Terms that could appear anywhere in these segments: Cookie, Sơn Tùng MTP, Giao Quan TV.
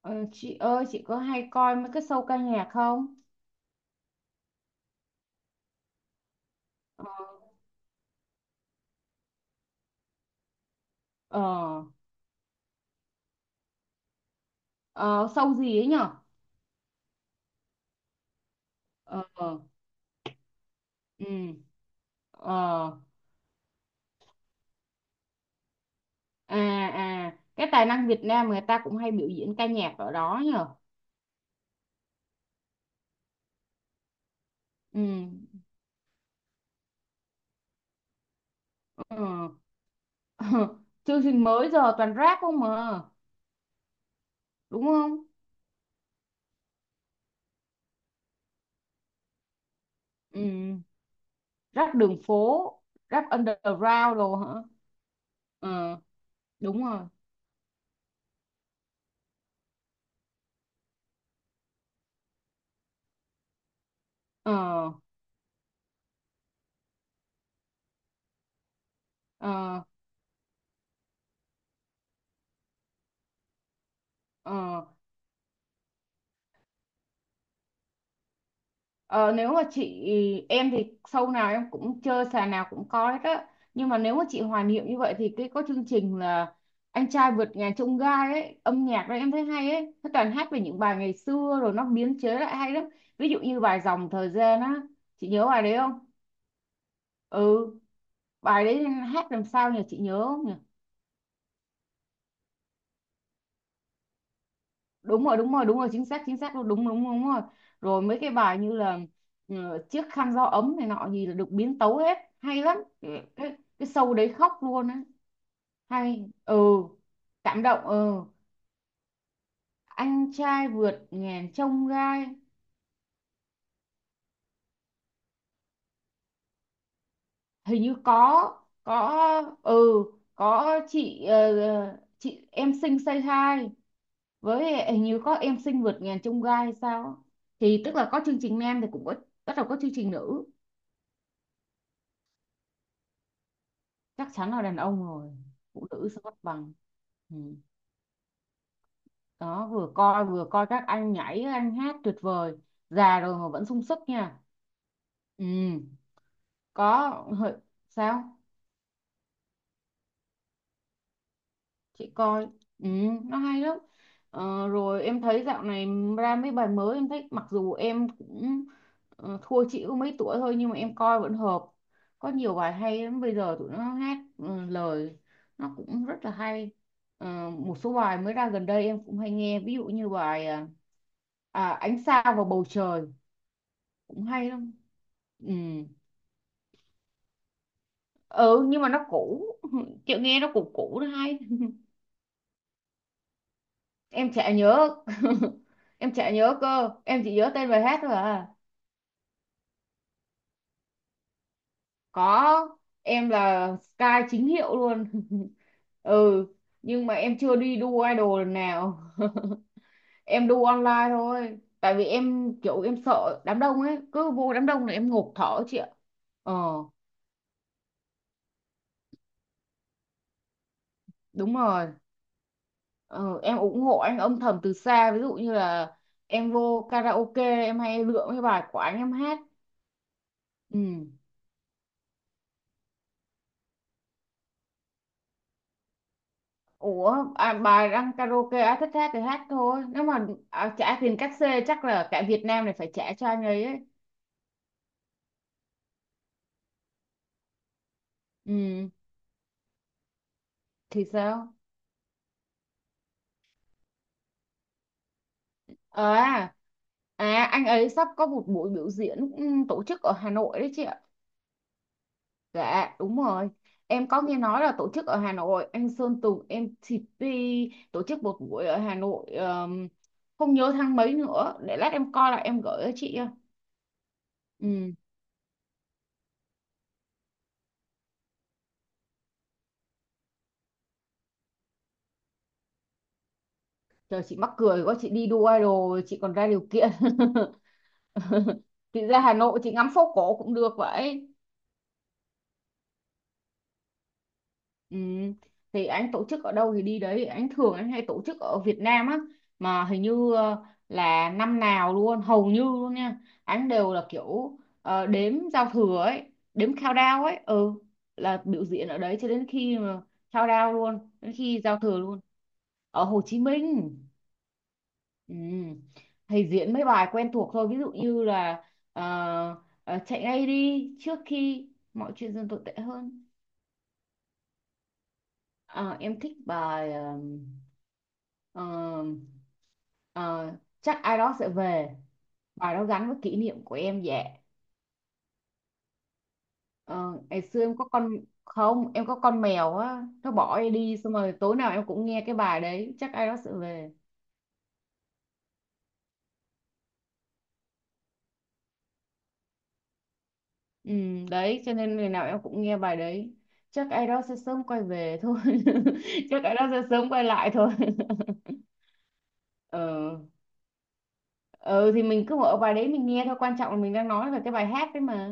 Ờ, chị ơi chị có hay coi mấy cái show ca nhạc không? Ờ ờ ờ, Show gì ấy nhở? Ờ ờ, ừ ờ à cái tài năng Việt Nam người ta cũng hay biểu diễn ca nhạc ở đó nhở? Ừ ờ chương trình mới giờ toàn rap không mà đúng không? Ừ, rap đường phố, rap underground đồ hả? Ờ, đúng rồi. Ờ ờ ờ Ờ, nếu mà chị Em thì show nào em cũng chơi, sàn nào cũng có hết á. Nhưng mà nếu mà chị hoài niệm như vậy thì cái có chương trình là anh trai vượt ngàn chông gai ấy, âm nhạc đó em thấy hay ấy, nó toàn hát về những bài ngày xưa rồi nó biến chế lại hay lắm. Ví dụ như bài dòng thời gian á, chị nhớ bài đấy không? Ừ, bài đấy hát làm sao nhỉ, chị nhớ không nhỉ? Đúng rồi đúng rồi đúng rồi, chính xác chính xác, đúng đúng đúng, đúng rồi. Rồi mấy cái bài như là ừ, chiếc khăn gió ấm này nọ gì là được biến tấu hết, hay lắm cái cái show đấy, khóc luôn á. Hay. Ừ, cảm động. Ừ, anh trai vượt ngàn chông gai. Hình như có. Có. Ừ, có chị. Ờ, chị em xinh say hi, với hình như có em xinh vượt ngàn chông gai hay sao á. Thì tức là có chương trình nam thì cũng có, bắt đầu có chương trình nữ. Chắc chắn là đàn ông rồi, phụ nữ sẽ mất bằng. Ừ. Đó, vừa coi các anh nhảy anh hát tuyệt vời, già rồi mà vẫn sung sức nha. Ừ. Có. hợi- Sao? Chị coi. Ừ, nó hay lắm. Ờ, rồi em thấy dạo này ra mấy bài mới em thích, mặc dù em cũng thua chị có mấy tuổi thôi nhưng mà em coi vẫn hợp. Có nhiều bài hay lắm, bây giờ tụi nó hát lời nó cũng rất là hay. Ờ, một số bài mới ra gần đây em cũng hay nghe, ví dụ như bài ánh sao vào bầu trời, cũng hay lắm. Ừ. Ừ, nhưng mà nó cũ. Chị nghe nó cũ cũ nó hay. Em chả nhớ. Em chả nhớ cơ, em chỉ nhớ tên bài hát thôi à. Có, em là Sky chính hiệu luôn. Ừ, nhưng mà em chưa đi đu idol lần nào. Em đu online thôi tại vì em kiểu em sợ đám đông ấy, cứ vô đám đông là em ngộp thở chị ạ. Ờ, đúng rồi. Ờ, em ủng hộ anh âm thầm từ xa, ví dụ như là em vô karaoke em hay lựa cái bài của anh em hát. Ừ. Ủa, bà đang karaoke á, thích hát thì hát thôi. Nếu mà trả tiền cát xê chắc là cả Việt Nam này phải trả cho anh ấy ấy. Ừ, thì sao? À, anh ấy sắp có một buổi biểu diễn, tổ chức ở Hà Nội đấy chị ạ. Dạ, đúng rồi. Em có nghe nói là tổ chức ở Hà Nội, anh Sơn Tùng em MTP tổ chức một buổi ở Hà Nội, không nhớ tháng mấy nữa. Để lát em coi là em gửi cho chị. Ừ, trời chị mắc cười quá, chị đi đu idol chị còn ra điều kiện. Chị ra Hà Nội chị ngắm phố cổ cũng được vậy. Ừ. Thì anh tổ chức ở đâu thì đi đấy, anh hay tổ chức ở Việt Nam á, mà hình như là năm nào luôn, hầu như luôn nha, anh đều là kiểu đếm giao thừa ấy, đếm countdown ấy. Ừ, là biểu diễn ở đấy cho đến khi mà countdown luôn, đến khi giao thừa luôn. Ở Hồ Chí Minh. Ừ. Thì diễn mấy bài quen thuộc thôi, ví dụ như là ờ, chạy ngay đi trước khi mọi chuyện dần tồi tệ hơn. Ờ, em thích bài ờm, ờ, chắc ai đó sẽ về, bài đó gắn với kỷ niệm của em dạ. Ờ, ngày xưa em có con. Không, em có con mèo á, nó bỏ em đi, xong rồi tối nào em cũng nghe cái bài đấy, chắc ai đó sẽ về. Ừ, đấy cho nên ngày nào em cũng nghe bài đấy, chắc ai đó sẽ sớm quay về thôi. Chắc ai đó sẽ sớm quay lại thôi. Ờ, ừ, thì mình cứ mở bài đấy mình nghe thôi, quan trọng là mình đang nói về cái bài hát đấy mà.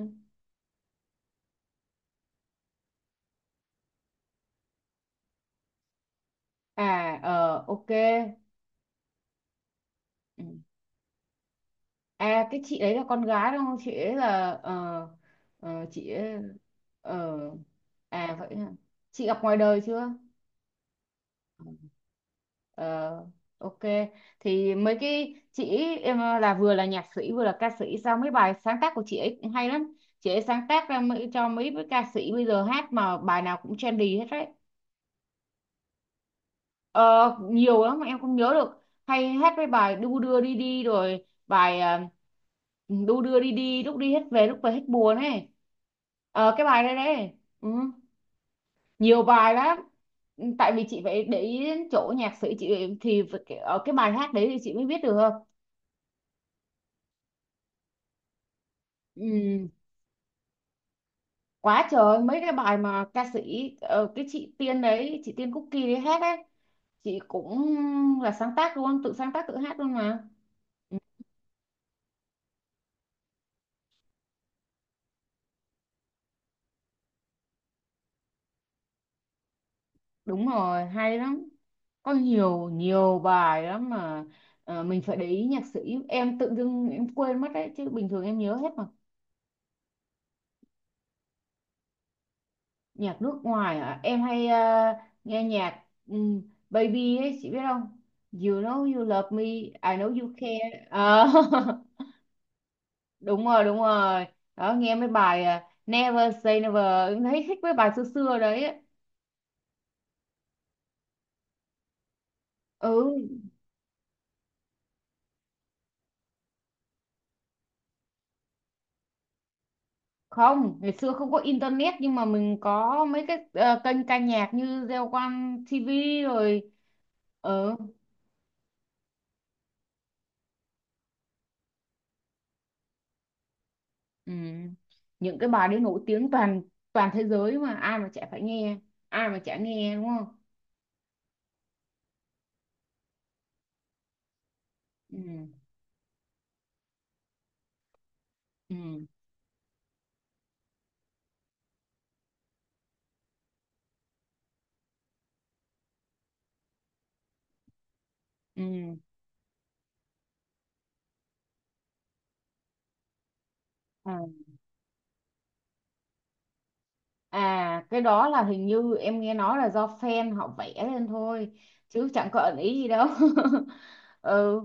À, ờ, ok. Ừ. À cái chị ấy là con gái đúng không? Chị ấy là chị ấy ờ, à vậy hả? Chị gặp ngoài đời chưa? Ừ. Ờ, ok, thì mấy cái chị ấy, em là vừa là nhạc sĩ vừa là ca sĩ, sao mấy bài sáng tác của chị ấy cũng hay lắm. Chị ấy sáng tác ra mấy, cho mấy cái ca sĩ bây giờ hát mà bài nào cũng trendy hết đấy. Ờ, nhiều lắm mà em không nhớ được, hay hát mấy bài đu đưa đi đi, rồi bài đu đưa đi đi lúc đi hết về lúc về hết buồn ấy. Ờ, cái bài đây đấy đấy. Ừ, nhiều bài lắm. Ừ, tại vì chị phải để ý đến chỗ nhạc sĩ chị thì phải ở cái bài hát đấy thì chị mới biết được. Ừ. Quá trời mấy cái bài mà ca sĩ cái chị Tiên đấy, chị Tiên Cookie đấy hát ấy, chị cũng là sáng tác luôn, tự sáng tác tự hát luôn mà. Ừ, đúng rồi hay lắm, có nhiều nhiều bài lắm mà. Ờ, mình phải để ý nhạc sĩ, em tự dưng em quên mất đấy chứ bình thường em nhớ hết mà. Nhạc nước ngoài hả, em hay nghe nhạc Baby ấy chị biết không, You know you love me, I know you care. Ờ, đúng rồi đúng rồi, đó nghe mấy bài Never say never, em thấy thích mấy bài xưa xưa đấy ấy. Ừ, không, ngày xưa không có internet nhưng mà mình có mấy cái kênh ca nhạc như Giao Quan TV rồi. Ờ, ừ. Những cái bài đấy nổi tiếng toàn toàn thế giới mà, ai mà chả phải nghe, ai mà chả nghe đúng không? Ừ ừ ừ. À, à cái đó là hình như em nghe nói là do fan họ vẽ lên thôi, chứ chẳng có ẩn ý gì đâu. Ừ,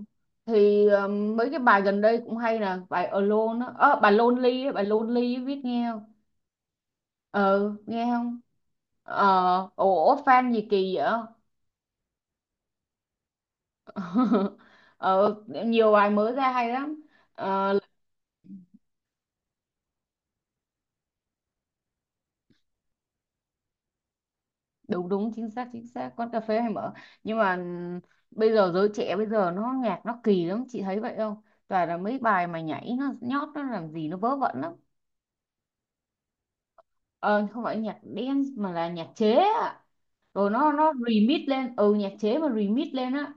thì mấy cái bài gần đây cũng hay nè, bài Alone á. Ờ, bài Lonely á, biết nghe không? Ừ, nghe không? Ờ, ủa fan gì kỳ vậy. Ờ, nhiều bài mới ra hay lắm. Ờ, đúng đúng chính xác chính xác, quán cà phê hay mở. Nhưng mà bây giờ giới trẻ bây giờ nó nhạc nó kỳ lắm, chị thấy vậy không? Toàn là mấy bài mà nhảy nó nhót nó làm gì nó vớ vẩn lắm. Ờ, không phải nhạc dance mà là nhạc chế ạ, rồi nó remix lên. Ừ, nhạc chế mà remix lên á.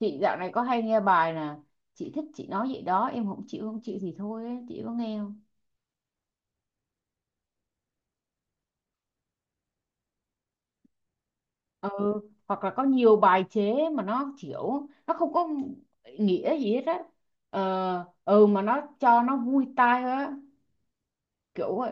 Chị dạo này có hay nghe bài nè, chị thích chị nói vậy đó, em không chịu không chịu thì thôi ấy. Chị có nghe. Ừ, hoặc là có nhiều bài chế mà nó kiểu nó không có nghĩa gì hết á. Ờ ừ, mà nó cho nó vui tai thôi á, kiểu vậy.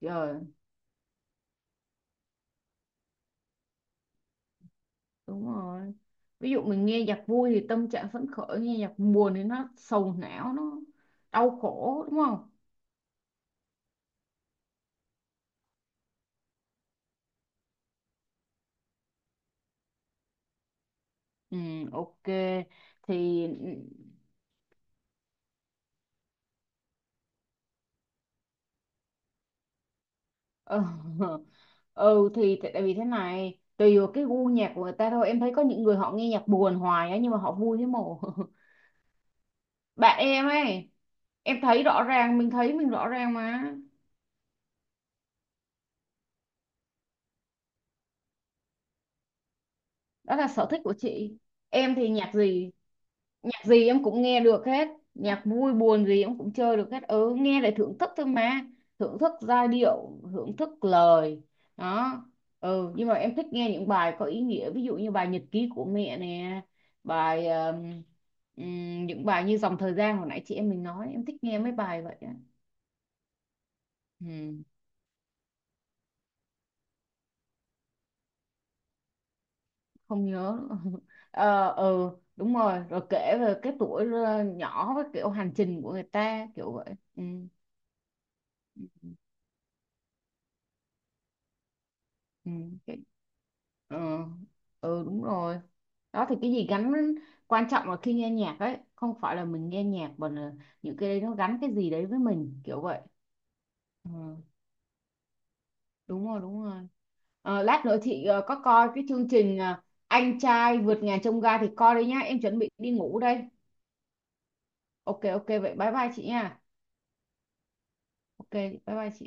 Trời, đúng rồi, ví dụ mình nghe nhạc vui thì tâm trạng phấn khởi, nghe nhạc buồn thì nó sầu não nó đau khổ đúng không? Ừ, ok, thì ừ, ừ thì tại tại vì thế này, tùy vào cái gu nhạc của người ta thôi, em thấy có những người họ nghe nhạc buồn hoài á nhưng mà họ vui thế mồ. Bạn em ấy. Em thấy rõ ràng mình thấy, mình rõ ràng mà. Đó là sở thích của chị. Em thì nhạc gì, nhạc gì em cũng nghe được hết, nhạc vui buồn gì em cũng chơi được hết, ừ nghe để thưởng thức thôi mà, thưởng thức giai điệu thưởng thức lời. Đó. Ừ, nhưng mà em thích nghe những bài có ý nghĩa, ví dụ như bài nhật ký của mẹ nè, bài những bài như dòng thời gian hồi nãy chị em mình nói, em thích nghe mấy bài vậy á. Ừ. Không nhớ nữa. ờ ừ Đúng rồi, rồi kể về cái tuổi nhỏ với kiểu hành trình của người ta kiểu vậy. Ừ ừ ừ, cái, ờ, ừ Đúng rồi. Đó thì cái gì gắn, quan trọng là khi nghe nhạc ấy không phải là mình nghe nhạc mà là những cái đấy nó gắn cái gì đấy với mình kiểu vậy. Ừ, đúng rồi đúng rồi. Ờ, lát nữa chị có coi cái chương trình anh trai vượt ngàn chông gai thì coi đi nhá, em chuẩn bị đi ngủ đây. Ok ok, vậy bye bye chị nha. Ok, bye bye chị.